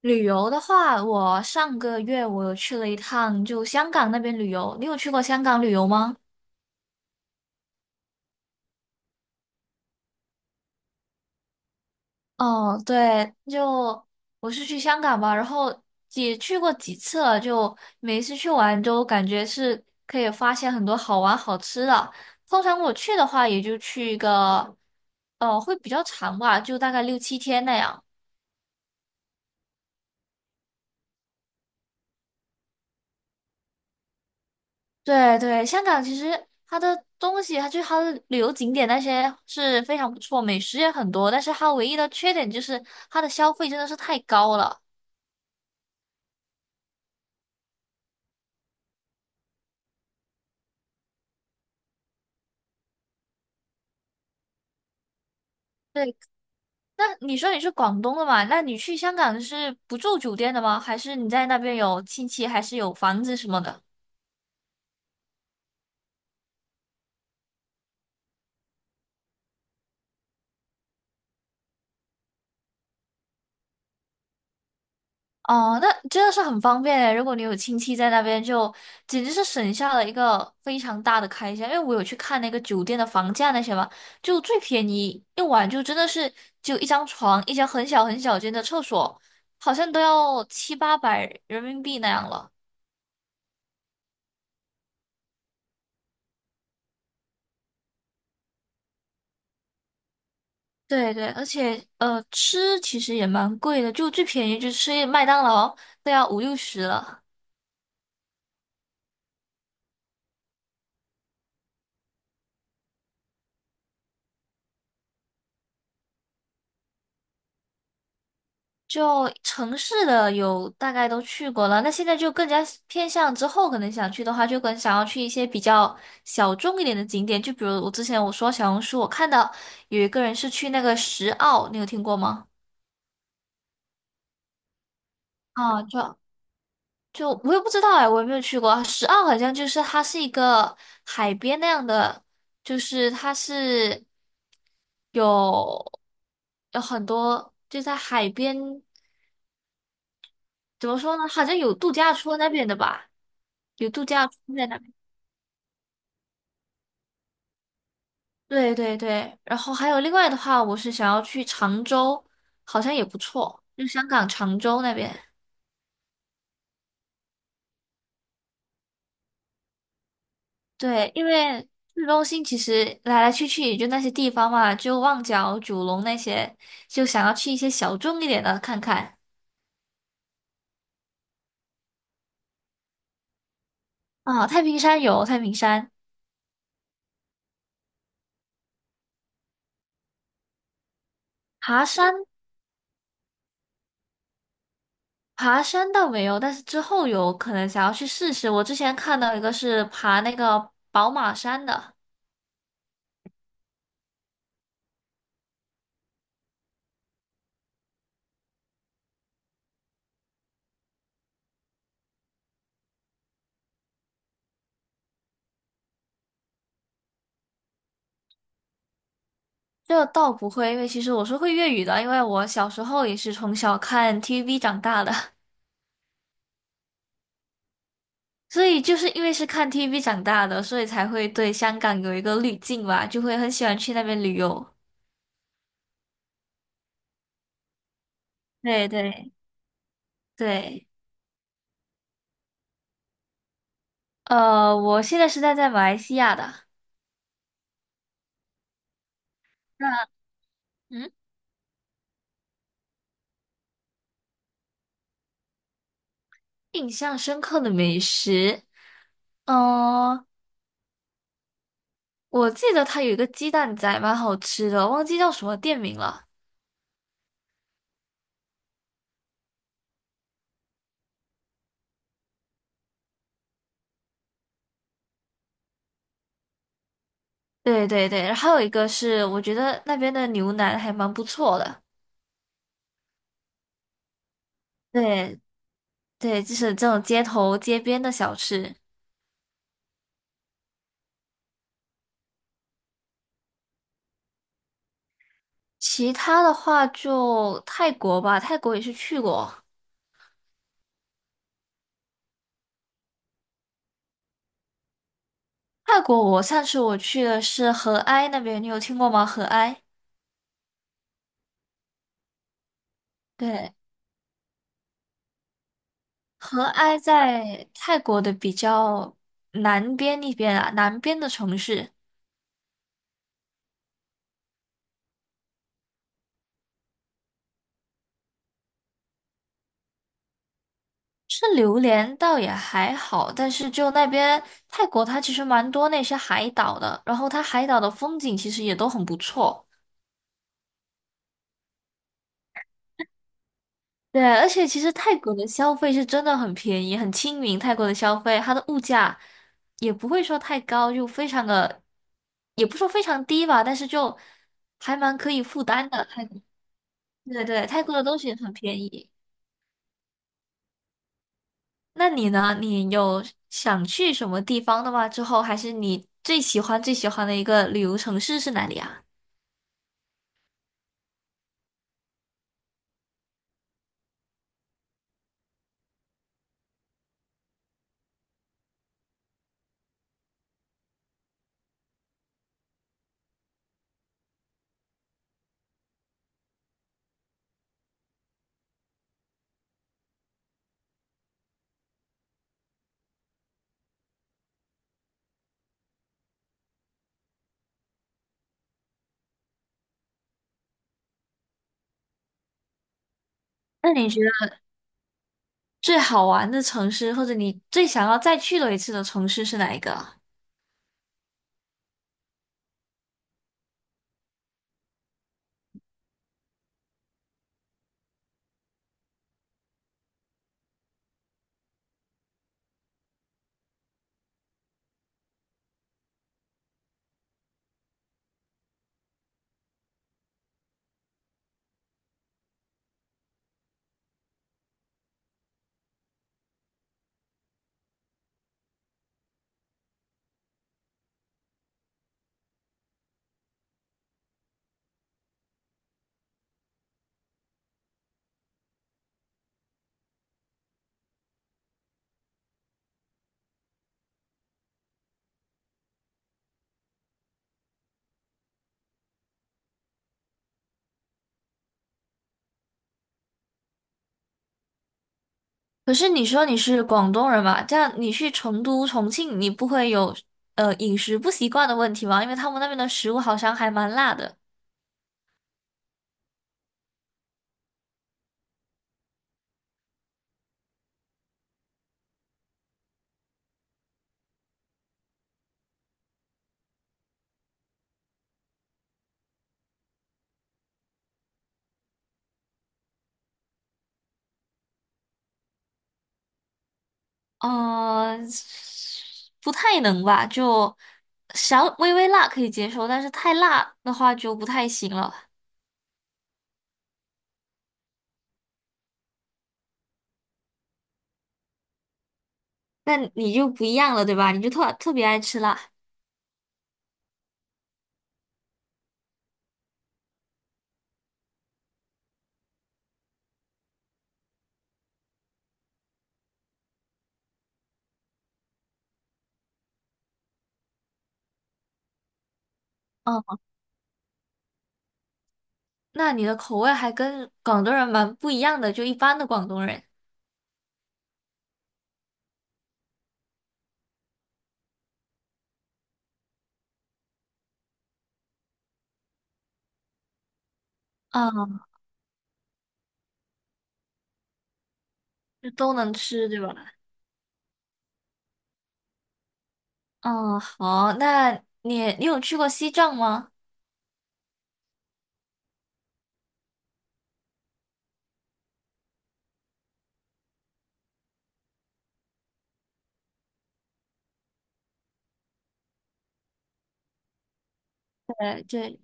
旅游的话，我上个月有去了一趟，就香港那边旅游。你有去过香港旅游吗？哦，对，就我是去香港吧，然后也去过几次了，就每一次去玩都感觉是可以发现很多好玩好吃的。通常我去的话，也就去一个，会比较长吧，就大概六七天那样。对对，香港其实它的东西，它就是它的旅游景点那些是非常不错，美食也很多，但是它唯一的缺点就是它的消费真的是太高了。对，那你说你是广东的嘛？那你去香港是不住酒店的吗？还是你在那边有亲戚，还是有房子什么的？哦，那真的是很方便诶。如果你有亲戚在那边就，简直是省下了一个非常大的开销。因为我有去看那个酒店的房价那些嘛，就最便宜一晚就真的是就一张床，一间很小很小间的厕所，好像都要七八百人民币那样了。对对，而且吃其实也蛮贵的，就最便宜就吃麦当劳都要五六十了。就城市的有大概都去过了，那现在就更加偏向之后可能想去的话，就更想要去一些比较小众一点的景点，就比如我之前说小红书，我看到有一个人是去那个石澳，你有听过吗？啊，就我也不知道哎，我也没有去过。石澳好像就是它是一个海边那样的，就是它是有有很多就在海边。怎么说呢？好像有度假村那边的吧，有度假村在那边。对对对，然后还有另外的话，我是想要去常州，好像也不错，就香港常州那边。对，因为市中心其实来来去去也就那些地方嘛，就旺角、九龙那些，就想要去一些小众一点的看看。啊，太平山有太平山，爬山爬山倒没有，但是之后有可能想要去试试。我之前看到一个是爬那个宝马山的。这倒不会，因为其实我是会粤语的，因为我小时候也是从小看 TVB 长大的，所以就是因为是看 TVB 长大的，所以才会对香港有一个滤镜吧，就会很喜欢去那边旅游。对对对，我现在是在马来西亚的。嗯，印象深刻的美食，嗯、我记得它有一个鸡蛋仔蛮好吃的，忘记叫什么店名了。对对对，然后还有一个是，我觉得那边的牛腩还蛮不错的。对对，就是这种街头街边的小吃。其他的话就泰国吧，泰国也是去过。泰国我上次我去的是合埃那边，你有听过吗？合埃，对，合埃在泰国的比较南边那边啊，南边的城市。吃榴莲倒也还好，但是就那边泰国它其实蛮多那些海岛的，然后它海岛的风景其实也都很不错。对，而且其实泰国的消费是真的很便宜，很亲民。泰国的消费，它的物价也不会说太高，就非常的，也不说非常低吧，但是就还蛮可以负担的。泰，国，对对，泰国的东西很便宜。那你呢？你有想去什么地方的吗？之后还是你最喜欢最喜欢的一个旅游城市是哪里啊？那你觉得最好玩的城市，或者你最想要再去的一次的城市是哪一个啊？可是你说你是广东人嘛，这样你去成都、重庆，你不会有呃饮食不习惯的问题吗？因为他们那边的食物好像还蛮辣的。嗯，不太能吧，就小微微辣可以接受，但是太辣的话就不太行了。那你就不一样了，对吧？你就特别爱吃辣。嗯，那你的口味还跟广东人蛮不一样的，就一般的广东人。嗯，就都能吃，对吧？嗯，好，那你有去过西藏吗？对对，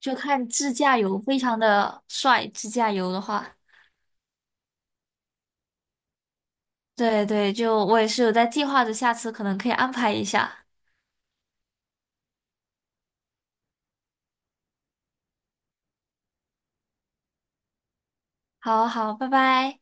就看自驾游，非常的帅。自驾游的话，对对，就我也是有在计划着，下次可能可以安排一下。好好，拜拜。